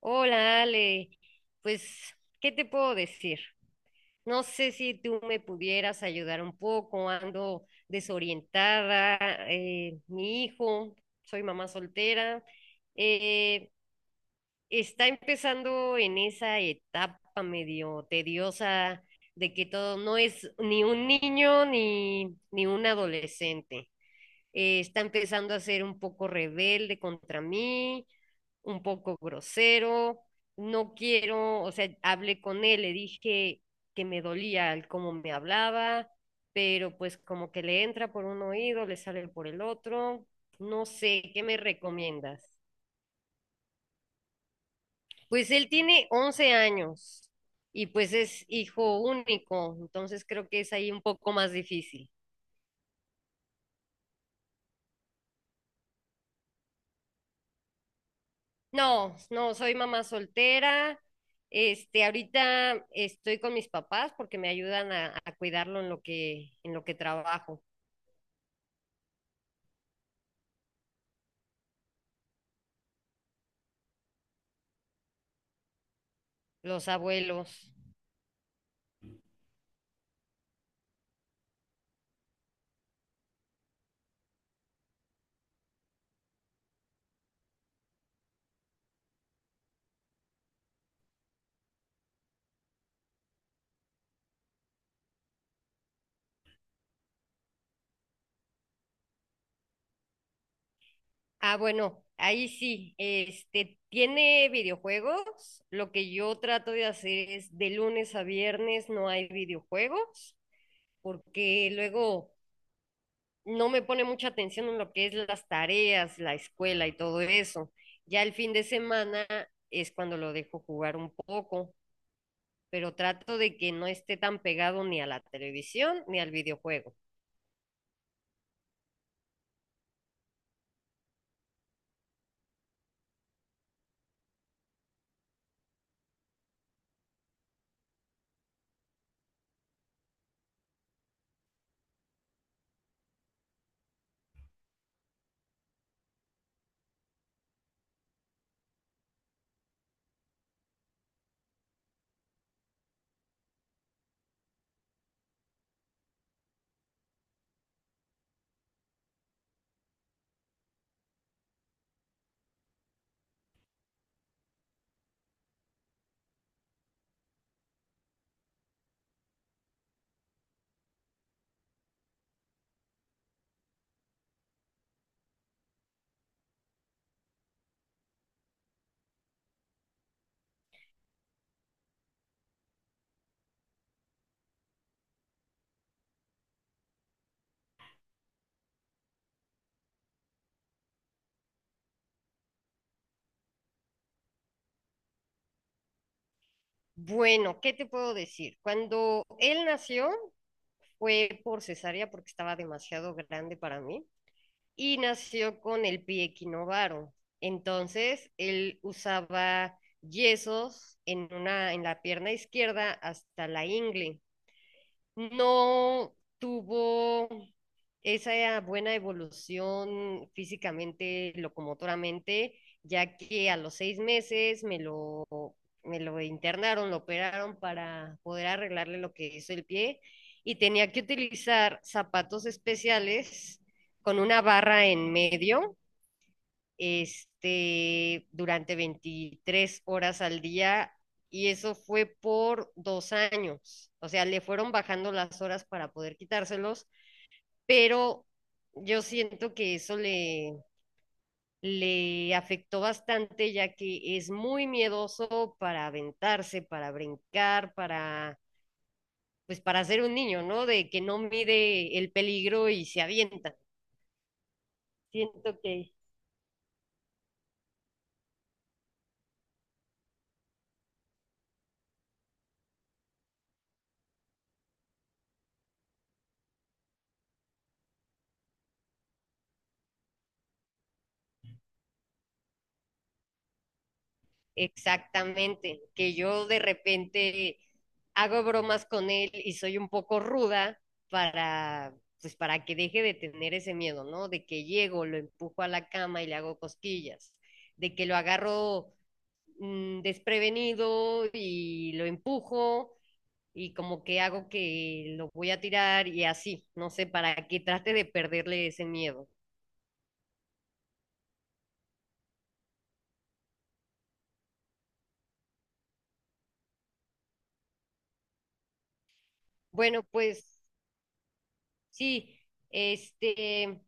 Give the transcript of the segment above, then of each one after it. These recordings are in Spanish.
Hola, Ale. Pues, ¿qué te puedo decir? No sé si tú me pudieras ayudar un poco. Ando desorientada. Mi hijo, soy mamá soltera, eh, está empezando en esa etapa medio tediosa de que todo no es ni un niño ni un adolescente. Está empezando a ser un poco rebelde contra mí, un poco grosero, no quiero, o sea, hablé con él, le dije que me dolía el cómo me hablaba, pero pues como que le entra por un oído, le sale por el otro, no sé, ¿qué me recomiendas? Pues él tiene 11 años y pues es hijo único, entonces creo que es ahí un poco más difícil. No, no, soy mamá soltera. Este, ahorita estoy con mis papás porque me ayudan a cuidarlo en lo que trabajo, los abuelos. Ah, bueno, ahí sí, este, tiene videojuegos. Lo que yo trato de hacer es de lunes a viernes no hay videojuegos, porque luego no me pone mucha atención en lo que es las tareas, la escuela y todo eso. Ya el fin de semana es cuando lo dejo jugar un poco. Pero trato de que no esté tan pegado ni a la televisión ni al videojuego. Bueno, ¿qué te puedo decir? Cuando él nació fue por cesárea porque estaba demasiado grande para mí y nació con el pie equinovaro. Entonces, él usaba yesos en una en la pierna izquierda hasta la ingle. No tuvo esa buena evolución físicamente, locomotoramente, ya que a los 6 meses me lo internaron, lo operaron para poder arreglarle lo que hizo el pie y tenía que utilizar zapatos especiales con una barra en medio, este, durante 23 horas al día y eso fue por 2 años. O sea, le fueron bajando las horas para poder quitárselos pero yo siento que le afectó bastante, ya que es muy miedoso para aventarse, para brincar, para, pues para ser un niño, ¿no? De que no mide el peligro y se avienta. Siento que exactamente, que yo de repente hago bromas con él y soy un poco ruda para, pues para que deje de tener ese miedo, ¿no? De que llego, lo empujo a la cama y le hago cosquillas, de que lo agarro desprevenido y lo empujo y como que hago que lo voy a tirar y así, no sé, para que trate de perderle ese miedo. Bueno, pues sí, este...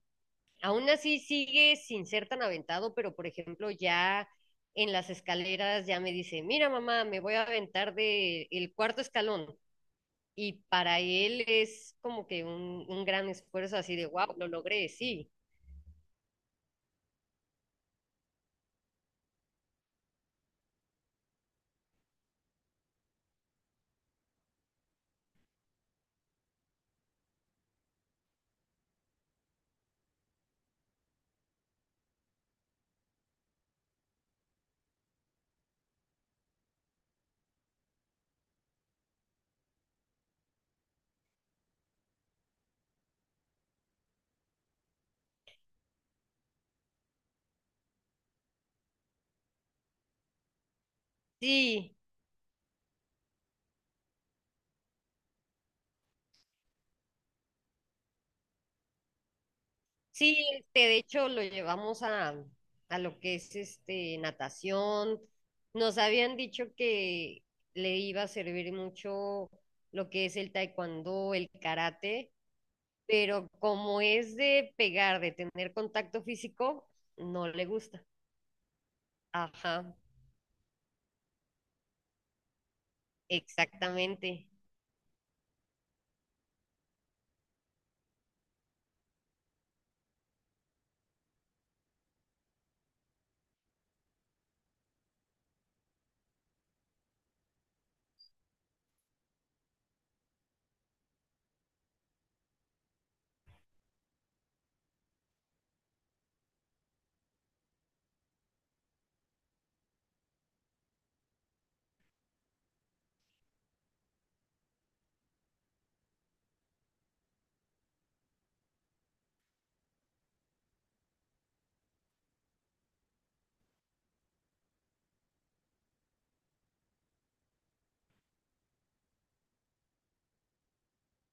Aún así sigue sin ser tan aventado, pero por ejemplo ya en las escaleras ya me dice, mira mamá, me voy a aventar de el cuarto escalón. Y para él es como que un gran esfuerzo así de, wow, lo logré, sí, sí, sí, este, de hecho lo llevamos a lo que es este, natación. Nos habían dicho que le iba a servir mucho lo que es el taekwondo, el karate, pero como es de pegar, de tener contacto físico, no le gusta. Ajá, exactamente.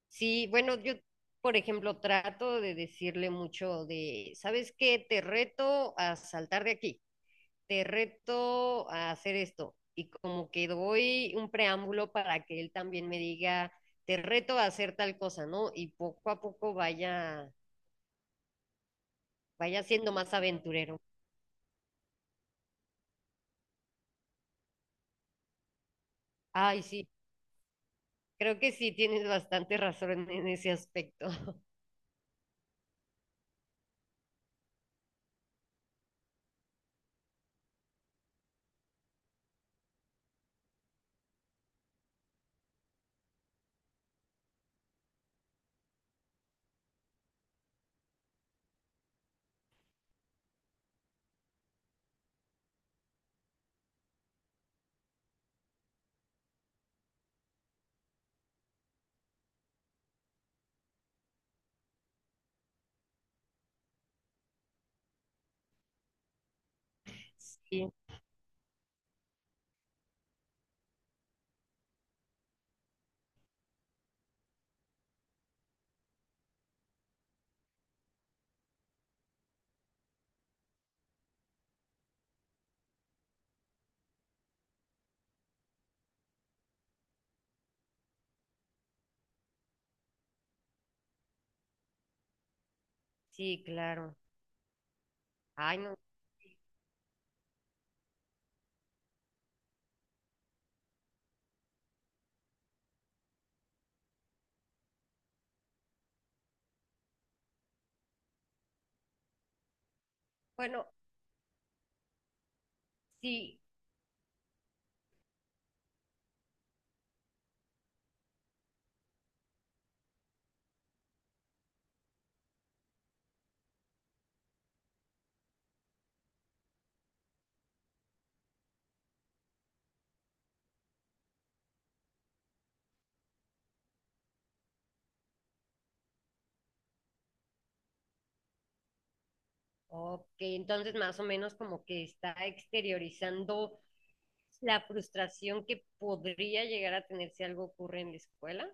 Sí, bueno, yo, por ejemplo, trato de decirle mucho de, ¿sabes qué? Te reto a saltar de aquí, te reto a hacer esto. Y como que doy un preámbulo para que él también me diga, te reto a hacer tal cosa, ¿no? Y poco a poco vaya siendo más aventurero. Ay, sí. Creo que sí, tienes bastante razón en ese aspecto. Sí, sí, claro. Ay, no. Bueno, sí, ok, entonces más o menos como que está exteriorizando la frustración que podría llegar a tener si algo ocurre en la escuela.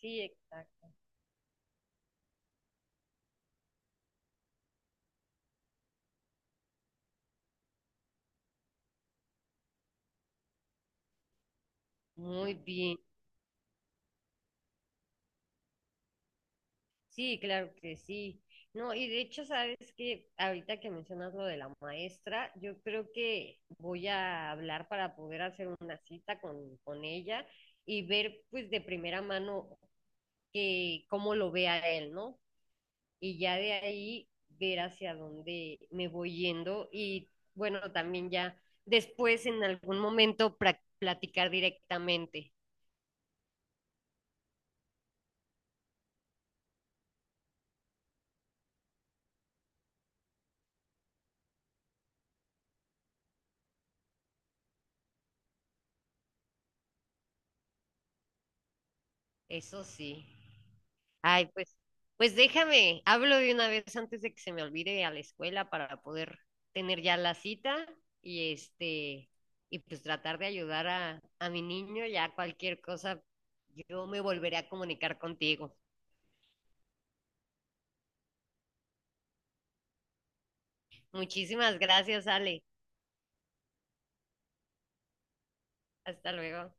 Sí, exacto. Muy bien. Sí, claro que sí. No, y de hecho, sabes que ahorita que mencionas lo de la maestra, yo creo que voy a hablar para poder hacer una cita con ella y ver pues de primera mano que cómo lo ve a él, ¿no? Y ya de ahí ver hacia dónde me voy yendo y bueno, también ya después en algún momento platicar directamente. Eso sí. Ay, pues, pues déjame, hablo de una vez antes de que se me olvide a la escuela para poder tener ya la cita y este, y pues tratar de ayudar a mi niño, ya cualquier cosa, yo me volveré a comunicar contigo. Muchísimas gracias, Ale. Hasta luego.